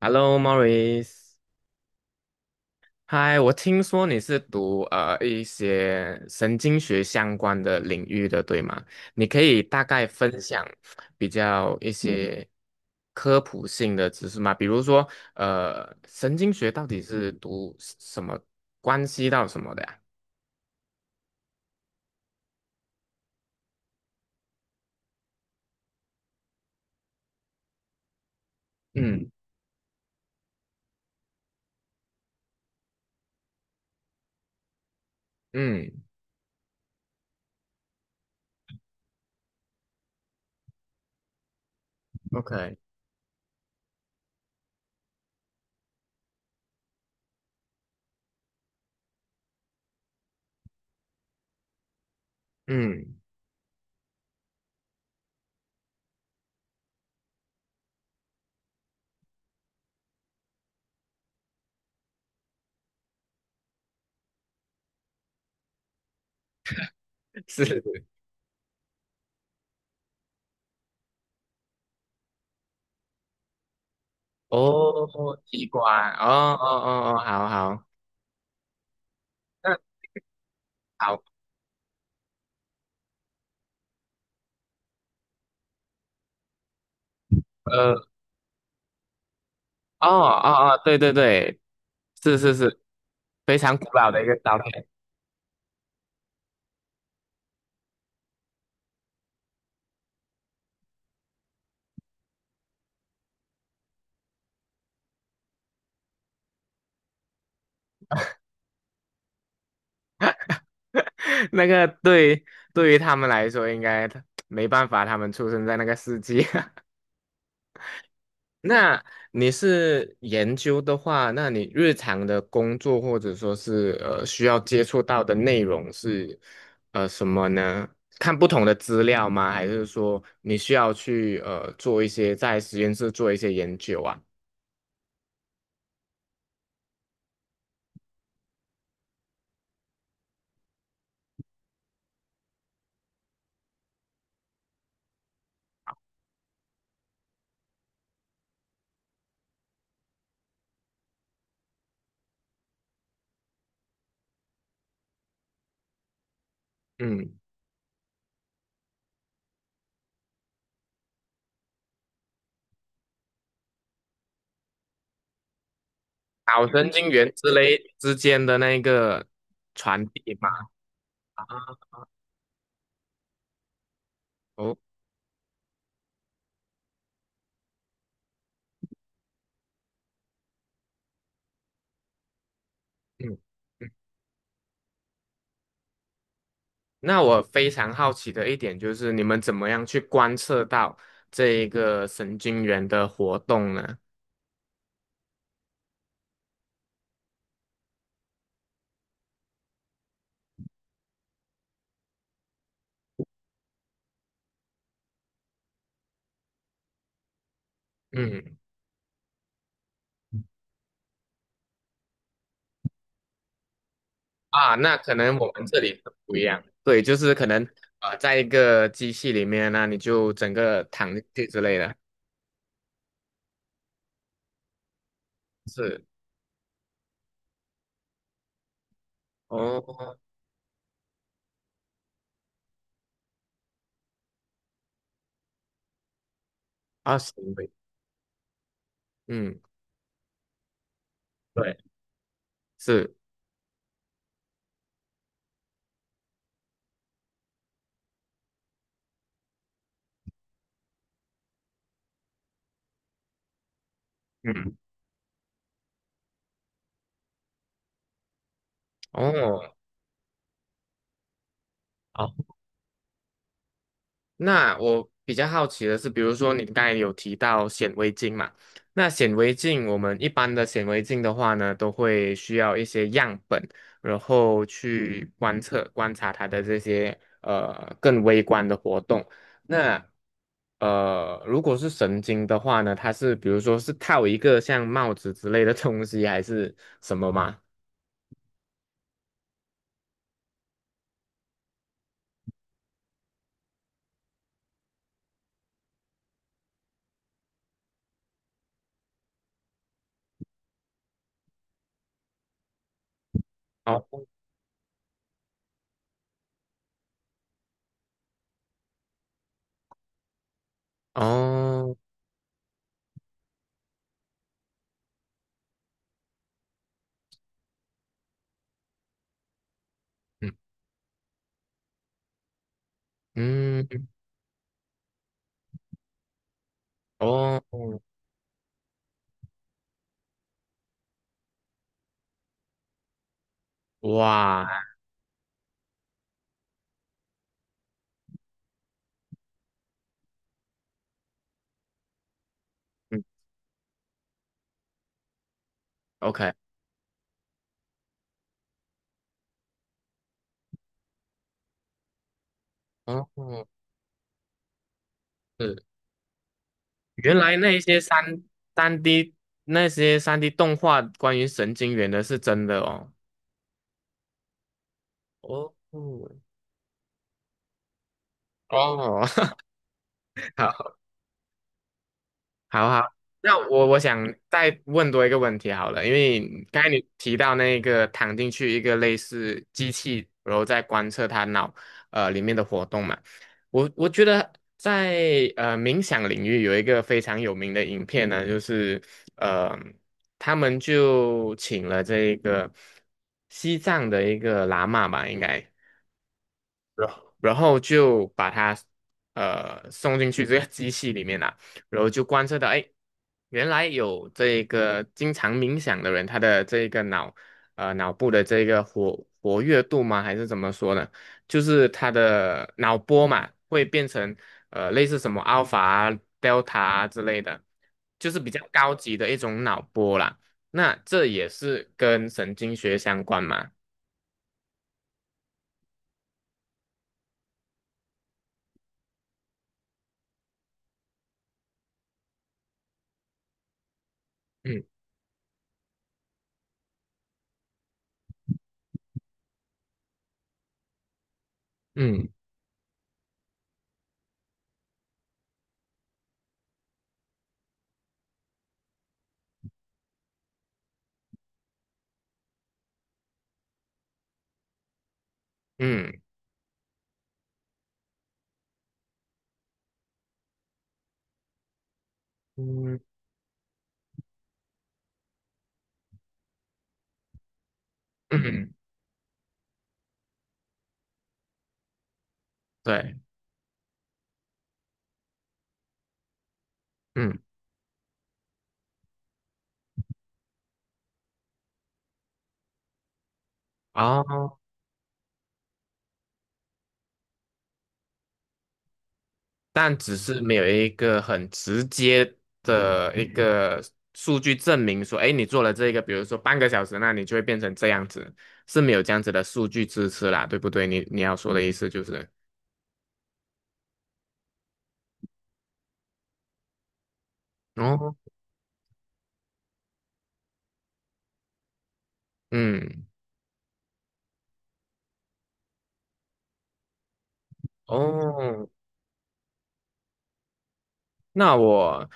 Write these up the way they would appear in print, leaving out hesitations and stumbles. Hello, Maurice。嗨，我听说你是读一些神经学相关的领域的，对吗？你可以大概分享比较一些科普性的知识吗？比如说，神经学到底是读什么，关系到什么的呀？嗯嗯，OK，嗯，是是，哦，器官，哦哦哦哦，好好，那好。哦哦哦，对对对，是是是，非常古老的一个照片。那个对，对于他们来说，应该没办法，他们出生在那个世纪。那你是研究的话，那你日常的工作或者说是需要接触到的内容是什么呢？看不同的资料吗？还是说你需要去做一些在实验室做一些研究啊？嗯脑神经元之类之间的那个传递嘛。哦，嗯，嗯那我非常好奇的一点就是，你们怎么样去观测到这一个神经元的活动呢？嗯那可能我们这里很不一样，对，就是可能在一个机器里面那你就整个躺进去之类的，是，哦，20厘米，嗯，对，是，嗯，哦。那我比较好奇的是，比如说你刚才有提到显微镜嘛，那显微镜我们一般的显微镜的话呢，都会需要一些样本，然后去观测观察它的这些更微观的活动。那如果是神经的话呢，它是比如说是套一个像帽子之类的东西，还是什么吗？哦哦，嗯嗯，哦，哇，嗯，OK。哦，是，原来那一些三 D 那些3D 动画关于神经元的是真的哦。哦，哦，好，好好，那我想再问多一个问题好了，因为刚才你提到那个躺进去一个类似机器，然后再观测他脑里面的活动嘛，我觉得在冥想领域有一个非常有名的影片呢，就是呃他们就请了这个西藏的一个喇嘛吧，应该。然后然后就把它送进去这个机器里面啦、然后就观测到，哎，原来有这个经常冥想的人，他的这个脑部的这个活跃度吗？还是怎么说呢？就是他的脑波嘛，会变成类似什么 alpha 啊、delta 啊之类的，就是比较高级的一种脑波啦。那这也是跟神经学相关嘛？嗯嗯嗯嗯。嗯，对，嗯，哦，但只是没有一个很直接的一个数据证明说，哎，你做了这个，比如说半个小时，那你就会变成这样子，是没有这样子的数据支持啦，对不对？你要说的意思就是，哦，嗯，哦，那我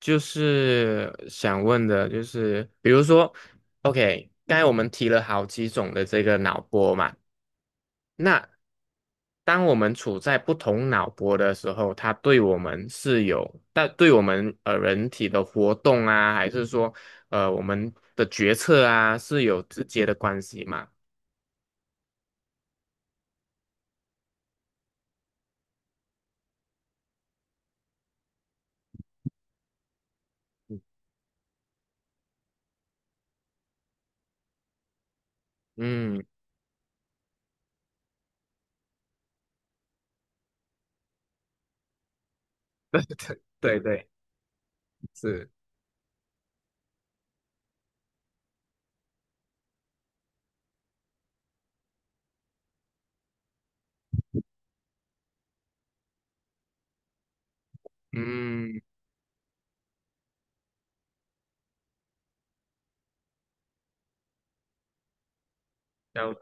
就是想问的，就是比如说，OK，刚才我们提了好几种的这个脑波嘛。那当我们处在不同脑波的时候，它对我们是有，但对我们人体的活动啊，还是说我们的决策啊，是有直接的关系嘛？嗯，对对，是，嗯，要，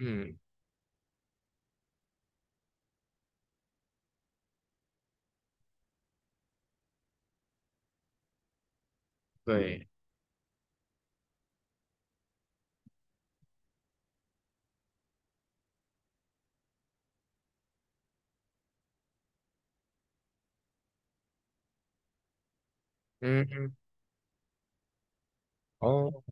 嗯，对，嗯，哦，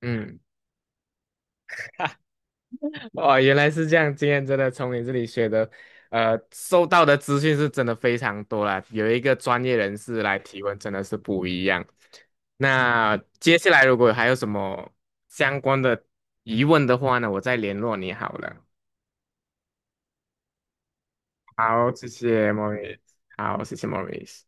嗯。哦，原来是这样。今天真的从你这里学的，收到的资讯是真的非常多啦。有一个专业人士来提问，真的是不一样。那接下来如果还有什么相关的疑问的话呢，我再联络你好了。好，谢谢 m a u r i c。 好，谢谢 Mauric